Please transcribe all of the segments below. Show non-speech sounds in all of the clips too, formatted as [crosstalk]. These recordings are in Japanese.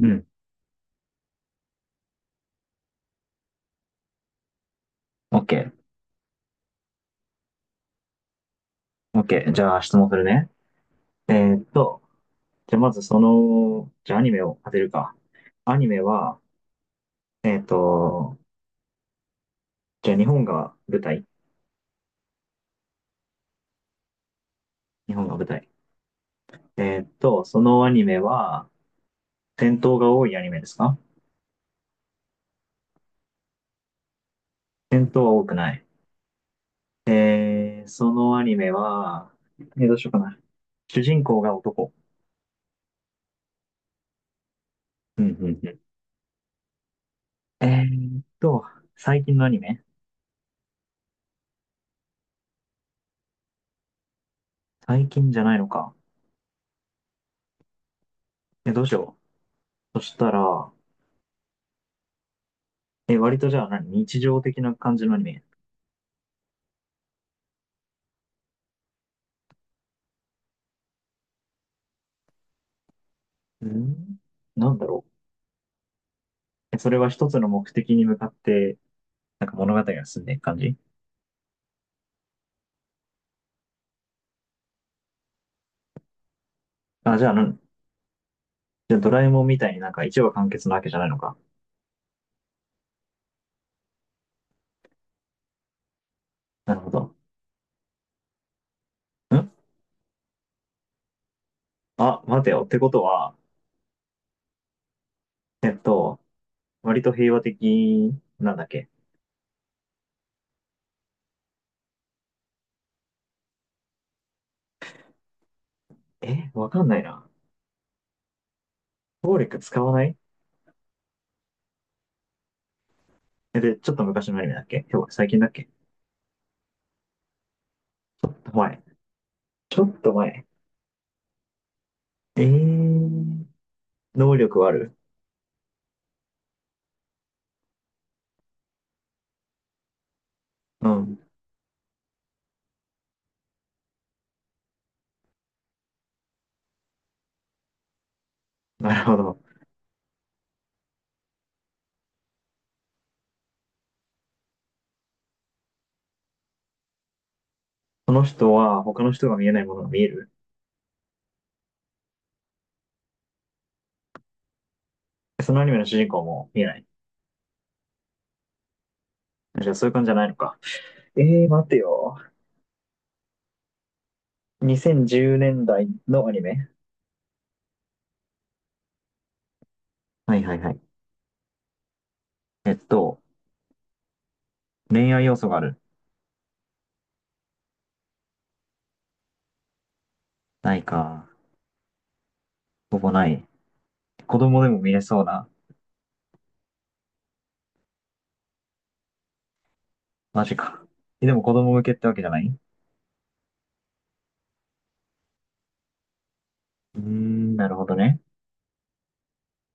うん。OK。OK。じゃあ質問するね。えーっと、じゃあまずその、じゃあアニメを当てるか。アニメは、えーっと、じゃあ日本が舞台。日本が舞台。そのアニメは、戦闘が多いアニメですか？戦闘は多くない。そのアニメは、どうしようかな。主人公が男？うんうんうん。最近のアニメ？最近じゃないのか。どうしよう。そしたら、割とじゃあ日常的な感じのアニメ？うん。なんだろう。それは一つの目的に向かって、なんか物語が進んでいく感じ？あ、じゃあドラえもんみたいになんか一話完結なわけじゃないのか。なるほど。ん。あ、待てよ。ってことは、えっと、割と平和的、なんだっけ？わかんないな。暴力使わない？で、ちょっと昔のアニメだっけ？今日、最近だっけ？前。ちょっと前。えー、能力はある？うん。なるほど。その人は他の人が見えないものが見える？そのアニメの主人公も見えない？じゃあそういう感じじゃないのか。待てよ。2010年代のアニメ？はいはいはい。えっと、恋愛要素がある？ないか。ほぼない。子供でも見れそうな。マジか。でも子供向けってわけじゃない？うーん、なるほどね。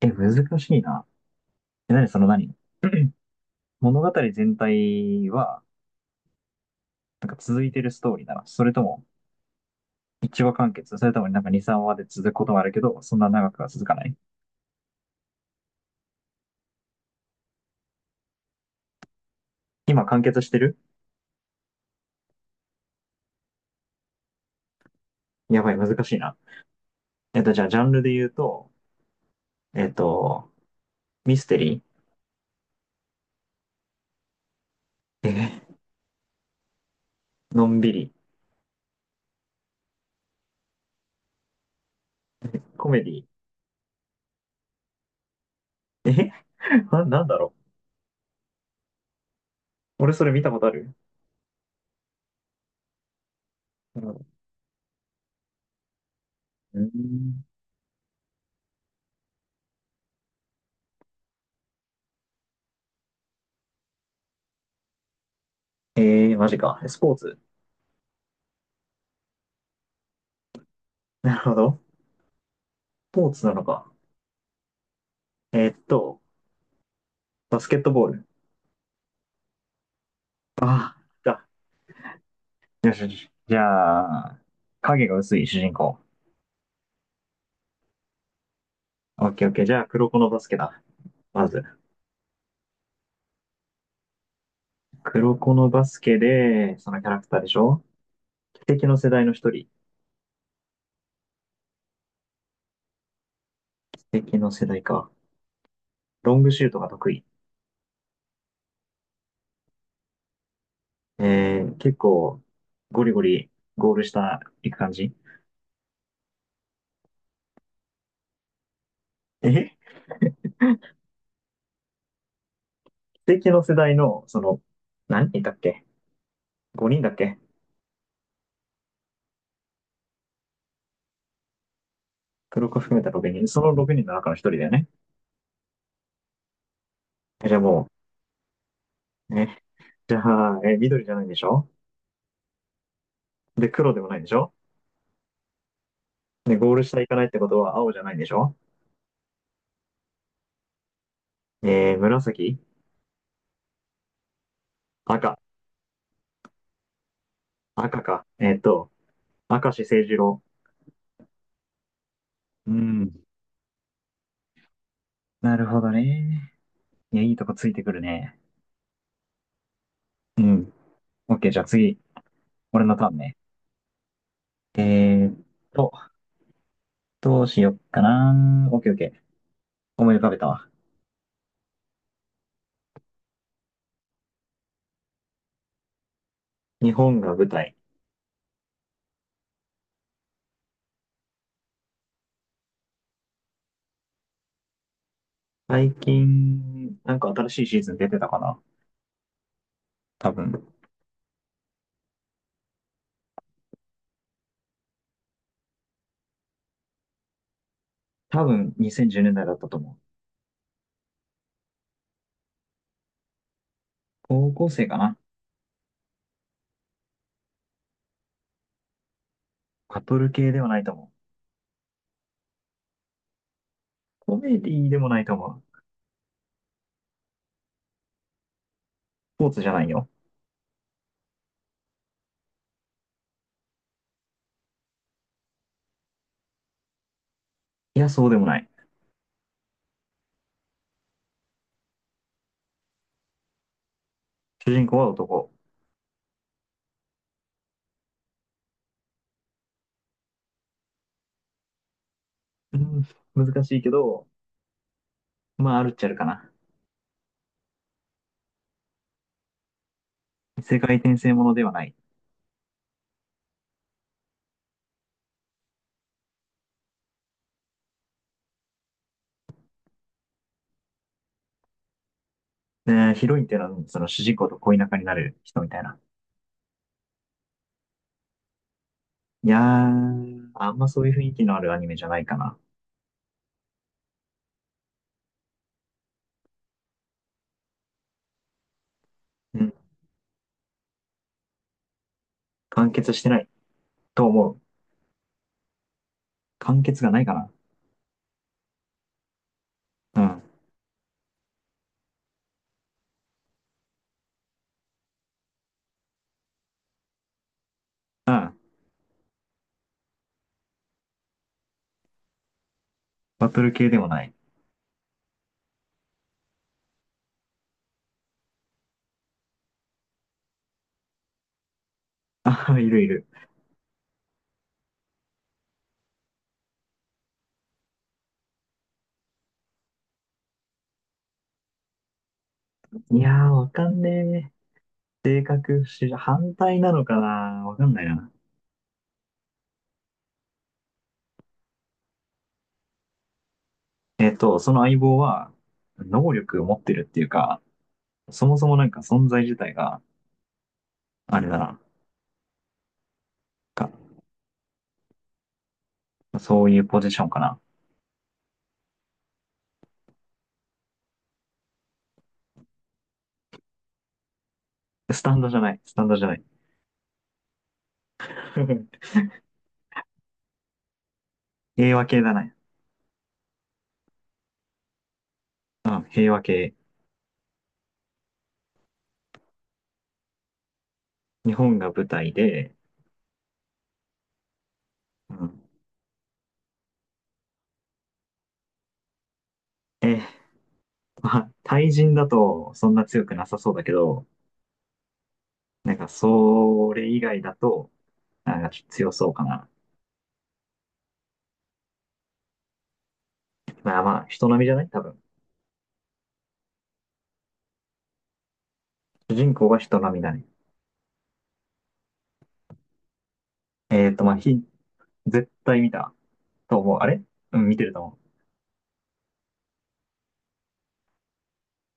難しいな。え、なにその何物語全体は、なんか続いてるストーリーなの？それとも、一話完結、それともなんか2、3話で続くこともあるけど、そんな長くは続かない？今完結してる？やばい、難しいな。じゃあ、ジャンルで言うと、えっと、ミステリー。のんびり。コメディー。なんだろう。俺それ見たことある？うん。えマジか。スポーツ。なるほど。スポーツなのか。えっと、バスケットボール。ああ、だ。よしよし。じゃあ、影が薄い主人公。オッケーオッケー。じゃあ、黒子のバスケだ。まず。黒子のバスケで、そのキャラクターでしょ？奇跡の世代の一人。奇跡の世代か。ロングシュートが得意。結構、ゴリゴリゴール下行く感じ。え奇跡の世代の、その、何人いたっけ ?5 人だっけ？黒子含めた6人。その6人の中の1人だよね。じゃあもう、ね。じゃあ、緑じゃないんでしょ？で、黒でもないんでしょ？で、ゴール下行かないってことは青じゃないんでしょ？紫？赤？赤か。明石誠二郎。うん。なるほどね。いや、いいとこついてくるね。うん。オッケー、じゃあ次、俺のターンね。えーっと、どうしよっかな。オッケーオッケー。思い浮かべたわ。日本が舞台。最近、なんか新しいシーズン出てたかな？多分。多分2010年代だいだったと思う。高校生かな。バトル系ではないと思う。コメディでもないと思う。スポーツじゃないよ。いや、そうでもない。主人公は男。うん、難しいけど、まあ、あるっちゃあるかな。世界転生ものではない。ねえー、ヒロインっていうのは、その主人公と恋仲になる人みたいな。いやー、あんまそういう雰囲気のあるアニメじゃないかな。うん。完結してないと思う。完結がないかな。うん。うん。バトル系でもない。あ、[laughs] いるいる。いやー、わかんねえ。性格不思反対なのかな？わかんないな。その相棒は、能力を持ってるっていうか、そもそもなんか存在自体が、あれだな。か、そういうポジションかな。スタンドじゃない。スタンドじゃない。[laughs] 平和系だね。うん、平和系。日本が舞台で、うん。えーまあ、対人だとそんな強くなさそうだけど、なんかそれ以外だと、なんかちょっと強そうかな。まあまあ、人並みじゃない多分。主人公は人並みだね。まあ、絶対見たと思う。あれ？うん、見てると思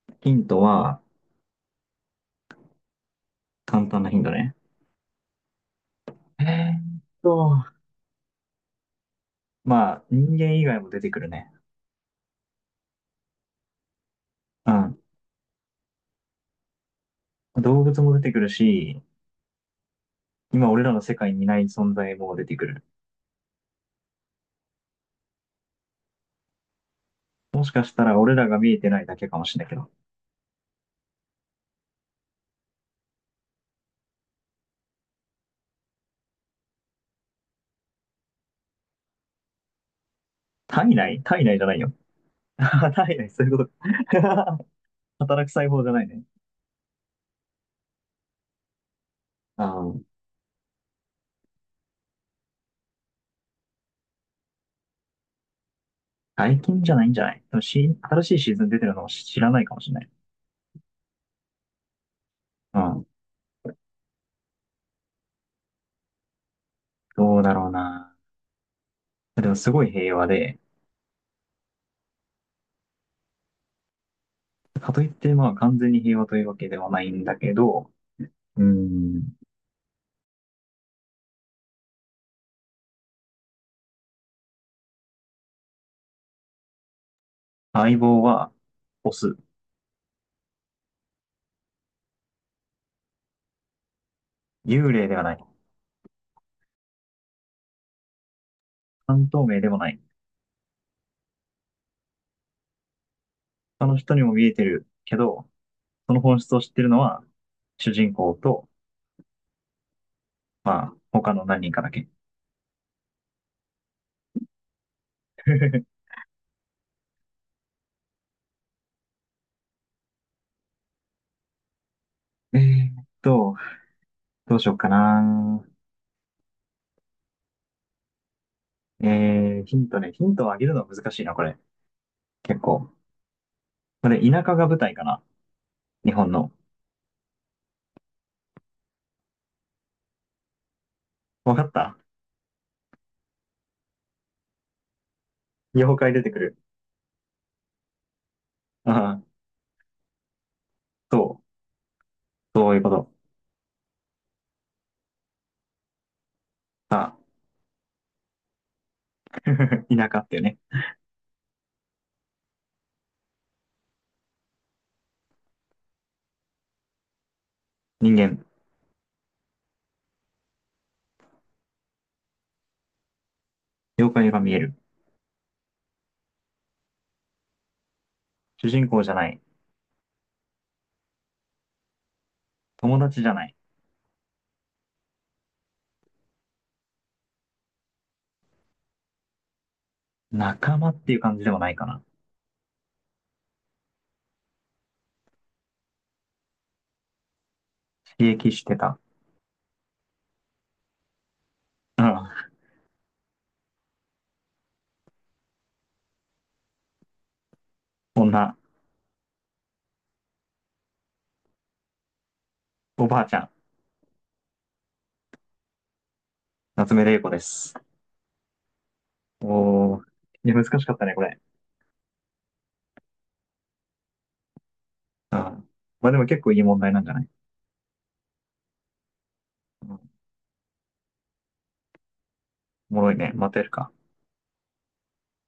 う。ヒントは？簡単なヒントね。えーっと、まあ、人間以外も出てくるね。うん。動物も出てくるし、今俺らの世界にいない存在も出てくる。もしかしたら俺らが見えてないだけかもしれないけど。体内じゃないよ。働いないね、そういうことか。[laughs] 働く細胞じゃないね。ああ、外見じゃないんじゃない？でもし、新しいシーズン出てるのを知らないかもしれない。うん。どうだろうな。でもすごい平和で、かといってまあ完全に平和というわけではないんだけど、うん。相棒はオス。幽霊ではない。半透明でもない。他の人にも見えてるけど、その本質を知ってるのは主人公と、まあ他の何人かだけ。[laughs] えーっ [laughs] と、どうしようかな。ヒントね。ヒントをあげるのは難しいな、これ。結構。これ、田舎が舞台かな。日本の。わかった？妖怪出てくる？ああ、そう。そういうこと。ああ、[laughs] 田舎っていうね。人間。妖怪が見える。主人公じゃない。友達じゃない。仲間っていう感じでもないかな。刺激してた。うん。女。おばあちゃん。夏目玲子です。おー。いや、難しかったね、これ。うん。まあでも結構いい問題なんじゃない？うん。おもろいね。またやるか。